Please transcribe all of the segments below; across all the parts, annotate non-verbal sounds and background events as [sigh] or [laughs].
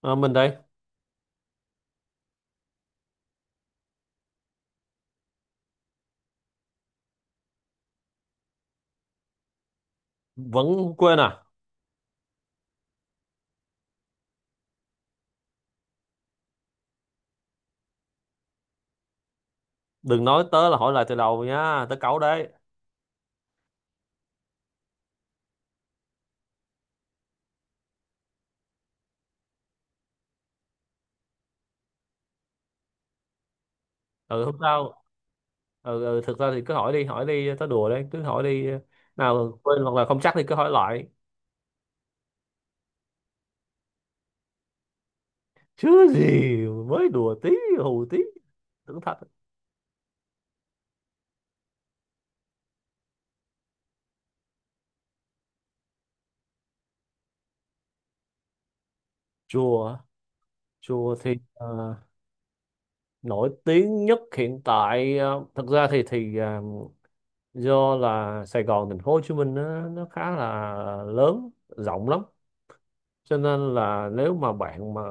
Ờ, mình đây. Vẫn quên à? Đừng nói tớ là hỏi lại từ đầu nha, tớ cáu đấy. Ừ, không sao. Ừ, ừ thực ra thì cứ hỏi đi hỏi đi, tớ đùa đấy, cứ hỏi đi, nào quên hoặc là không chắc thì cứ hỏi lại. Chứ gì, mới đùa tí, hù tí, tưởng thật. Chùa, chùa thì nổi tiếng nhất hiện tại, thực ra thì do là Sài Gòn, thành phố Hồ Chí Minh nó khá là lớn, rộng lắm, cho nên là nếu mà bạn mà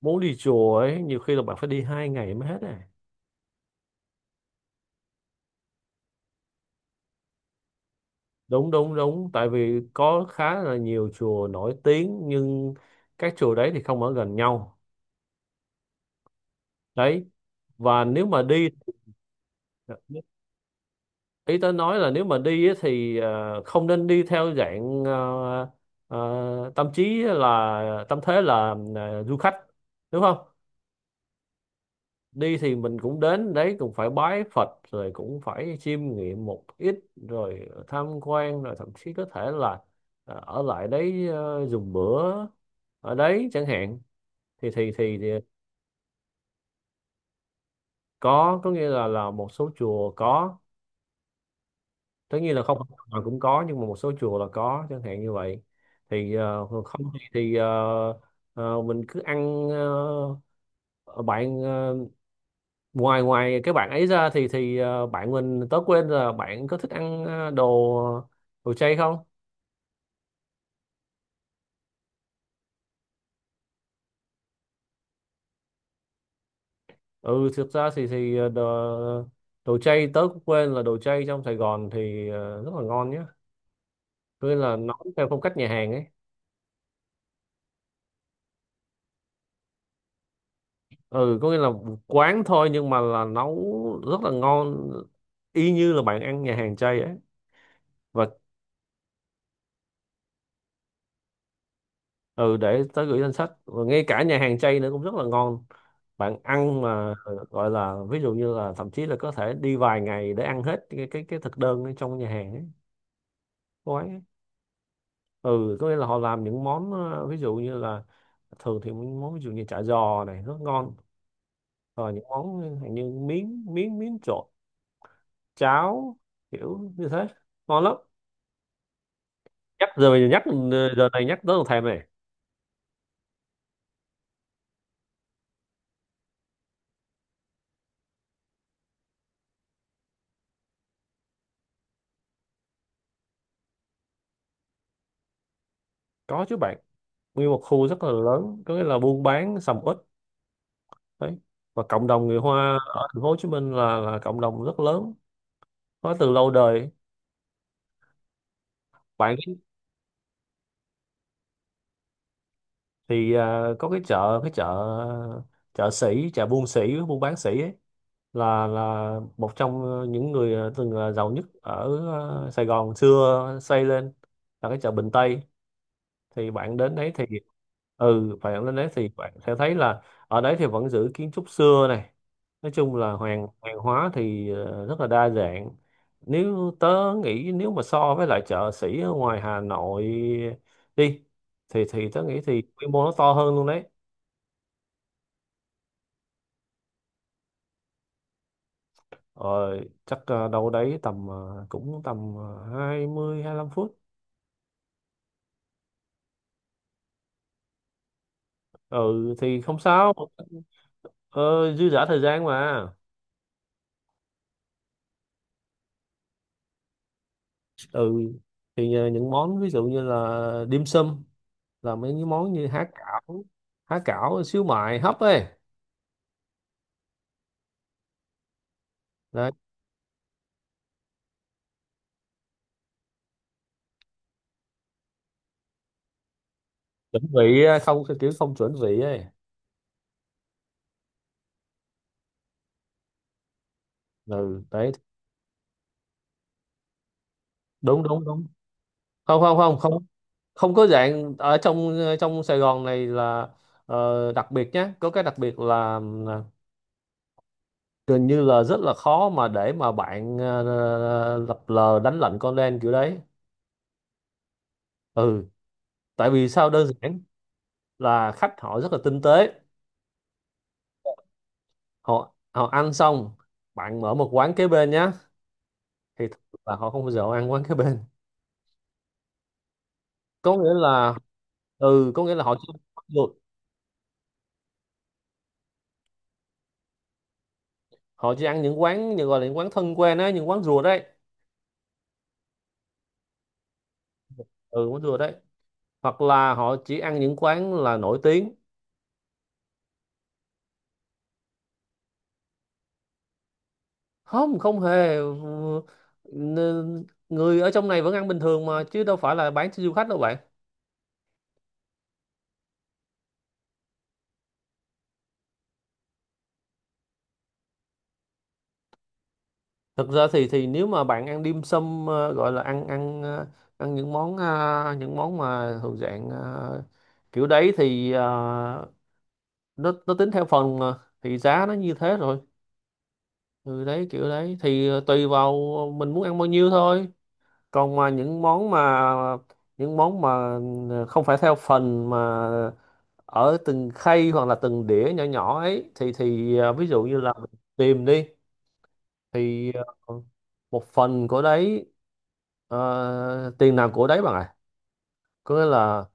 muốn đi chùa ấy, nhiều khi là bạn phải đi 2 ngày mới hết à. Đúng đúng đúng, tại vì có khá là nhiều chùa nổi tiếng nhưng các chùa đấy thì không ở gần nhau đấy. Và nếu mà đi, ý tôi nói là nếu mà đi ấy, thì không nên đi theo dạng, tâm trí là tâm thế là du khách, đúng không? Đi thì mình cũng đến đấy cũng phải bái Phật, rồi cũng phải chiêm nghiệm một ít, rồi tham quan, rồi thậm chí có thể là ở lại đấy, dùng bữa ở đấy chẳng hạn, thì có nghĩa là một số chùa có, tất nhiên là không hoàn toàn cũng có, nhưng mà một số chùa là có chẳng hạn như vậy. Không thì mình cứ ăn. ờ, bạn ờ, Ngoài ngoài cái bạn ấy ra thì bạn mình, tớ quên là bạn có thích ăn đồ đồ chay không? Ừ thực ra thì đồ, đồ chay tớ cũng quên là đồ chay trong Sài Gòn thì rất là ngon nhé, có nghĩa là nấu theo phong cách nhà hàng ấy. Ừ có nghĩa là quán thôi nhưng mà là nấu rất là ngon, y như là bạn ăn nhà hàng chay ấy. Và ừ để tới gửi danh sách, và ngay cả nhà hàng chay nữa cũng rất là ngon. Bạn ăn mà gọi là ví dụ như là thậm chí là có thể đi vài ngày để ăn hết cái thực đơn ở trong nhà hàng ấy, quán ấy. Ừ có nghĩa là họ làm những món, ví dụ như là thường thì những món ví dụ như chả giò này rất ngon, rồi những món như miếng miếng miếng trộn, cháo, kiểu như thế, ngon lắm. Nhắc giờ mình nhắc, giờ này nhắc tới thèm này. Có chứ bạn, nguyên một khu rất là lớn, có nghĩa là buôn bán sầm uất đấy. Và cộng đồng người Hoa ở thành phố Hồ Chí Minh là cộng đồng rất lớn, có từ lâu đời. Bạn thì à, có cái chợ, chợ sĩ, chợ buôn sĩ, buôn bán sĩ ấy, là một trong những người à, từng là giàu nhất ở à, Sài Gòn xưa xây lên, là cái chợ Bình Tây. Thì bạn đến đấy thì ừ bạn lên đấy thì bạn sẽ thấy là ở đấy thì vẫn giữ kiến trúc xưa này. Nói chung là hoàng hoàng hóa thì rất là đa dạng. Nếu tớ nghĩ, nếu mà so với lại chợ sĩ ở ngoài Hà Nội đi, thì tớ nghĩ thì quy mô nó to hơn luôn đấy. Rồi chắc đâu đấy tầm cũng tầm 20 lăm phút. Ừ thì không sao, ờ, dư dả thời gian mà. Ừ thì những món ví dụ như là dim sum, là mấy cái món như há cảo, há cảo xíu mại hấp ấy đấy. Chuẩn vị, không kiểu không chuẩn vị ấy. Ừ đấy. Đúng đúng đúng. Không không không không không có dạng ở trong, trong Sài Gòn này là đặc biệt nhé, có cái đặc biệt là gần như là rất là khó mà để mà bạn lập lờ đánh lận con đen kiểu đấy. Ừ, tại vì sao? Đơn giản là khách họ rất là tinh tế, họ họ ăn xong bạn mở một quán kế bên nhé, thì thật sự là họ không bao giờ họ ăn quán kế bên, có nghĩa là ừ có nghĩa là họ chỉ được, họ chỉ ăn những quán như gọi là những quán thân quen á, những quán rùa đấy. Ừ quán rùa đấy, hoặc là họ chỉ ăn những quán là nổi tiếng. Không, không hề. N- người ở trong này vẫn ăn bình thường mà, chứ đâu phải là bán cho du khách đâu bạn. Thực ra thì nếu mà bạn ăn dim sum, gọi là ăn ăn ờ, ăn những món, những món mà thuộc dạng kiểu đấy thì nó tính theo phần mà thì giá nó như thế rồi. Ừ đấy, kiểu đấy thì tùy vào mình muốn ăn bao nhiêu thôi. Còn mà những món mà, những món mà không phải theo phần mà ở từng khay hoặc là từng đĩa nhỏ nhỏ ấy, thì ví dụ như là mình tìm đi, thì ờ, một phần của đấy, tiền nào của đấy bạn ạ, có nghĩa là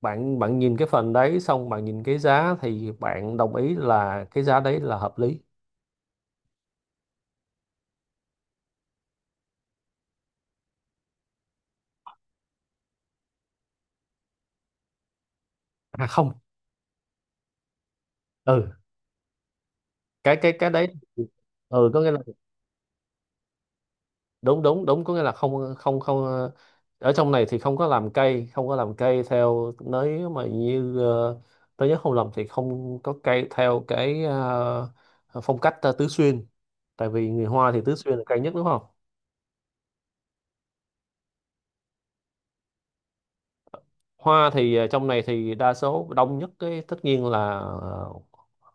bạn bạn nhìn cái phần đấy xong bạn nhìn cái giá thì bạn đồng ý là cái giá đấy là hợp lý. À không. Ừ. Cái đấy, ừ có nghĩa là đúng đúng đúng, có nghĩa là không không không ờ, ở trong này thì không có làm cây, không có làm cây theo, nếu mà như tôi nhớ không lầm thì không có cây theo cái, phong cách Tứ Xuyên, tại vì người Hoa thì Tứ Xuyên là cây nhất đúng không. Hoa thì trong này thì đa số đông nhất cái tất nhiên là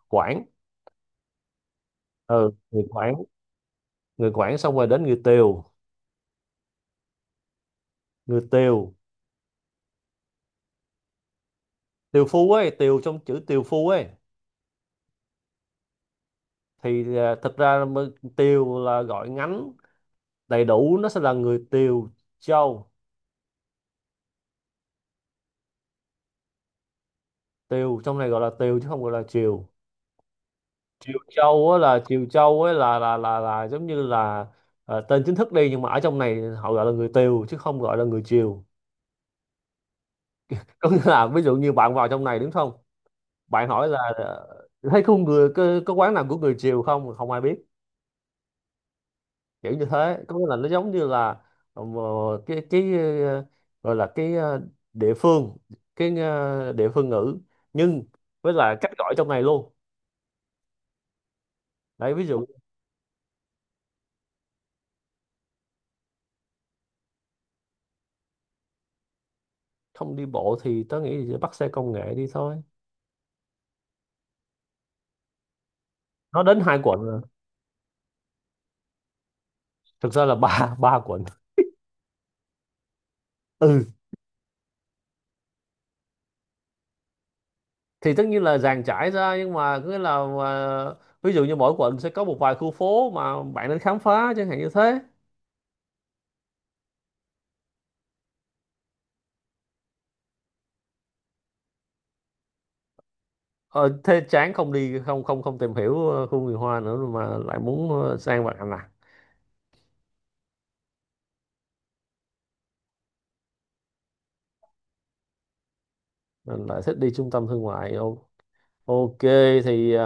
Quảng. Ừ, người Quảng, người Quảng, xong rồi đến người Tiều. Người Tiều, Tiều Phú ấy, Tiều trong chữ Tiều Phú ấy. Thì à, thực ra mới- Tiều là gọi ngắn, đầy đủ nó sẽ là người Tiều Châu. Tiều trong này gọi là Tiều chứ không gọi là Triều. Triều Châu á, là Triều Châu á, là giống như là tên chính thức đi, nhưng mà ở trong này họ gọi là người Tiều chứ không gọi là người Triều. Có nghĩa là ví dụ như bạn vào trong này đúng không, bạn hỏi là thấy có người có quán nào của người Triều không, không ai biết, kiểu như thế. Có nghĩa là nó giống như là ờ, cái cái ờ, gọi là địa phương, địa phương ngữ, nhưng với là cách gọi trong này luôn đấy. Ví dụ, không đi bộ thì tớ nghĩ là bắt xe công nghệ đi thôi, nó đến 2 quận rồi. Thực ra là ba [laughs] 3 quận. Ừ thì tất nhiên là dàn trải ra, nhưng mà cứ là ví dụ như mỗi quận sẽ có một vài khu phố mà bạn nên khám phá chẳng hạn như thế. Ờ thế chán không đi, không không không tìm hiểu khu người Hoa nữa rồi mà lại muốn sang bạn à. Mình lại thích đi trung tâm thương mại. Ô- ok, thì à,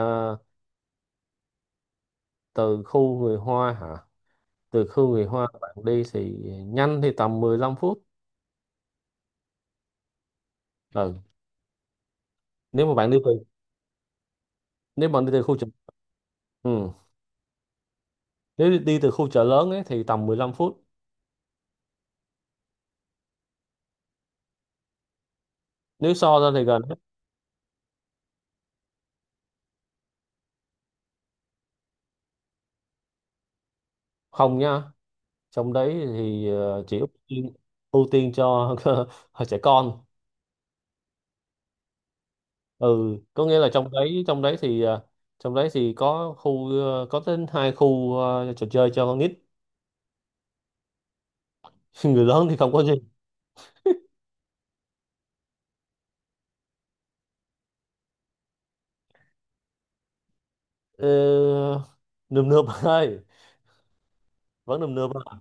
từ khu người Hoa hả? Từ khu người Hoa bạn đi thì nhanh thì tầm 15 phút. Ừ. Nếu mà bạn đi từ, nếu bạn đi từ khu chợ, ừ. Nếu đi đi từ khu chợ lớn ấy thì tầm 15 phút. Nếu so ra thì gần hết. Không nha. Trong đấy thì chỉ ưu tiên cho [laughs] trẻ con. Ừ, có nghĩa là trong đấy thì trong đấy thì có khu có đến 2 khu trò chơi cho con nít. [laughs] Người lớn thì không có gì. Ờ, nườm nượp [laughs] bạn ơi, vẫn nườm nượp à.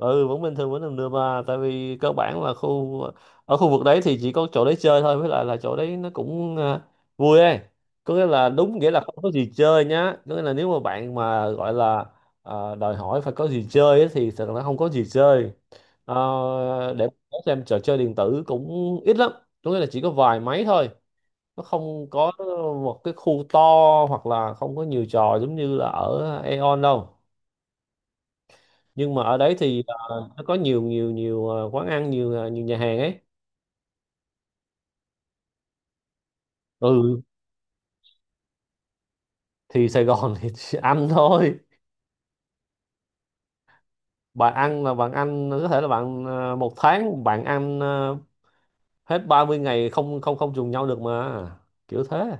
Ừ vẫn bình thường, vẫn nườm nượp à, tại vì cơ bản là khu, ở khu vực đấy thì chỉ có chỗ đấy chơi thôi, với lại là chỗ đấy nó cũng à, vui ấy, có nghĩa là đúng nghĩa là không có gì chơi nhá, có nghĩa là nếu mà bạn mà gọi là à, đòi hỏi phải có gì chơi ấy, thì thật là không có gì chơi. Ờ, để xem, trò chơi điện tử cũng ít lắm, có nghĩa là chỉ có vài máy thôi, nó không có một cái khu to, hoặc là không có nhiều trò giống như là ở Aeon đâu. Nhưng mà ở đấy thì nó có nhiều nhiều nhiều quán ăn, nhiều nhiều nhà hàng ấy. Ừ thì Sài Gòn [laughs] thì chỉ ăn thôi. Bạn ăn là bạn ăn có thể là bạn một tháng bạn ăn hết 30 ngày, không không không trùng nhau được mà, kiểu thế.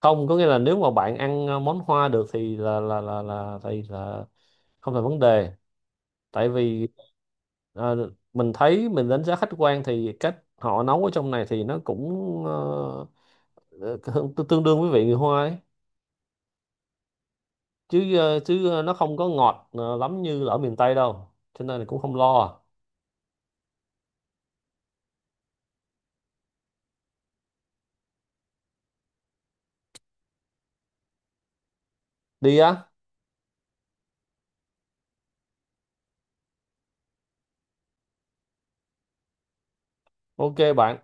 Không, có nghĩa là nếu mà bạn ăn món Hoa được thì là thì là không thành vấn đề, tại vì mình thấy, mình đánh giá khách quan thì cách họ nấu ở trong này thì nó cũng ờ, tương tương đương với vị người Hoa ấy, chứ nó không có ngọt lắm như là ở miền Tây đâu, cho nên là cũng không lo. Đi á, ok bạn.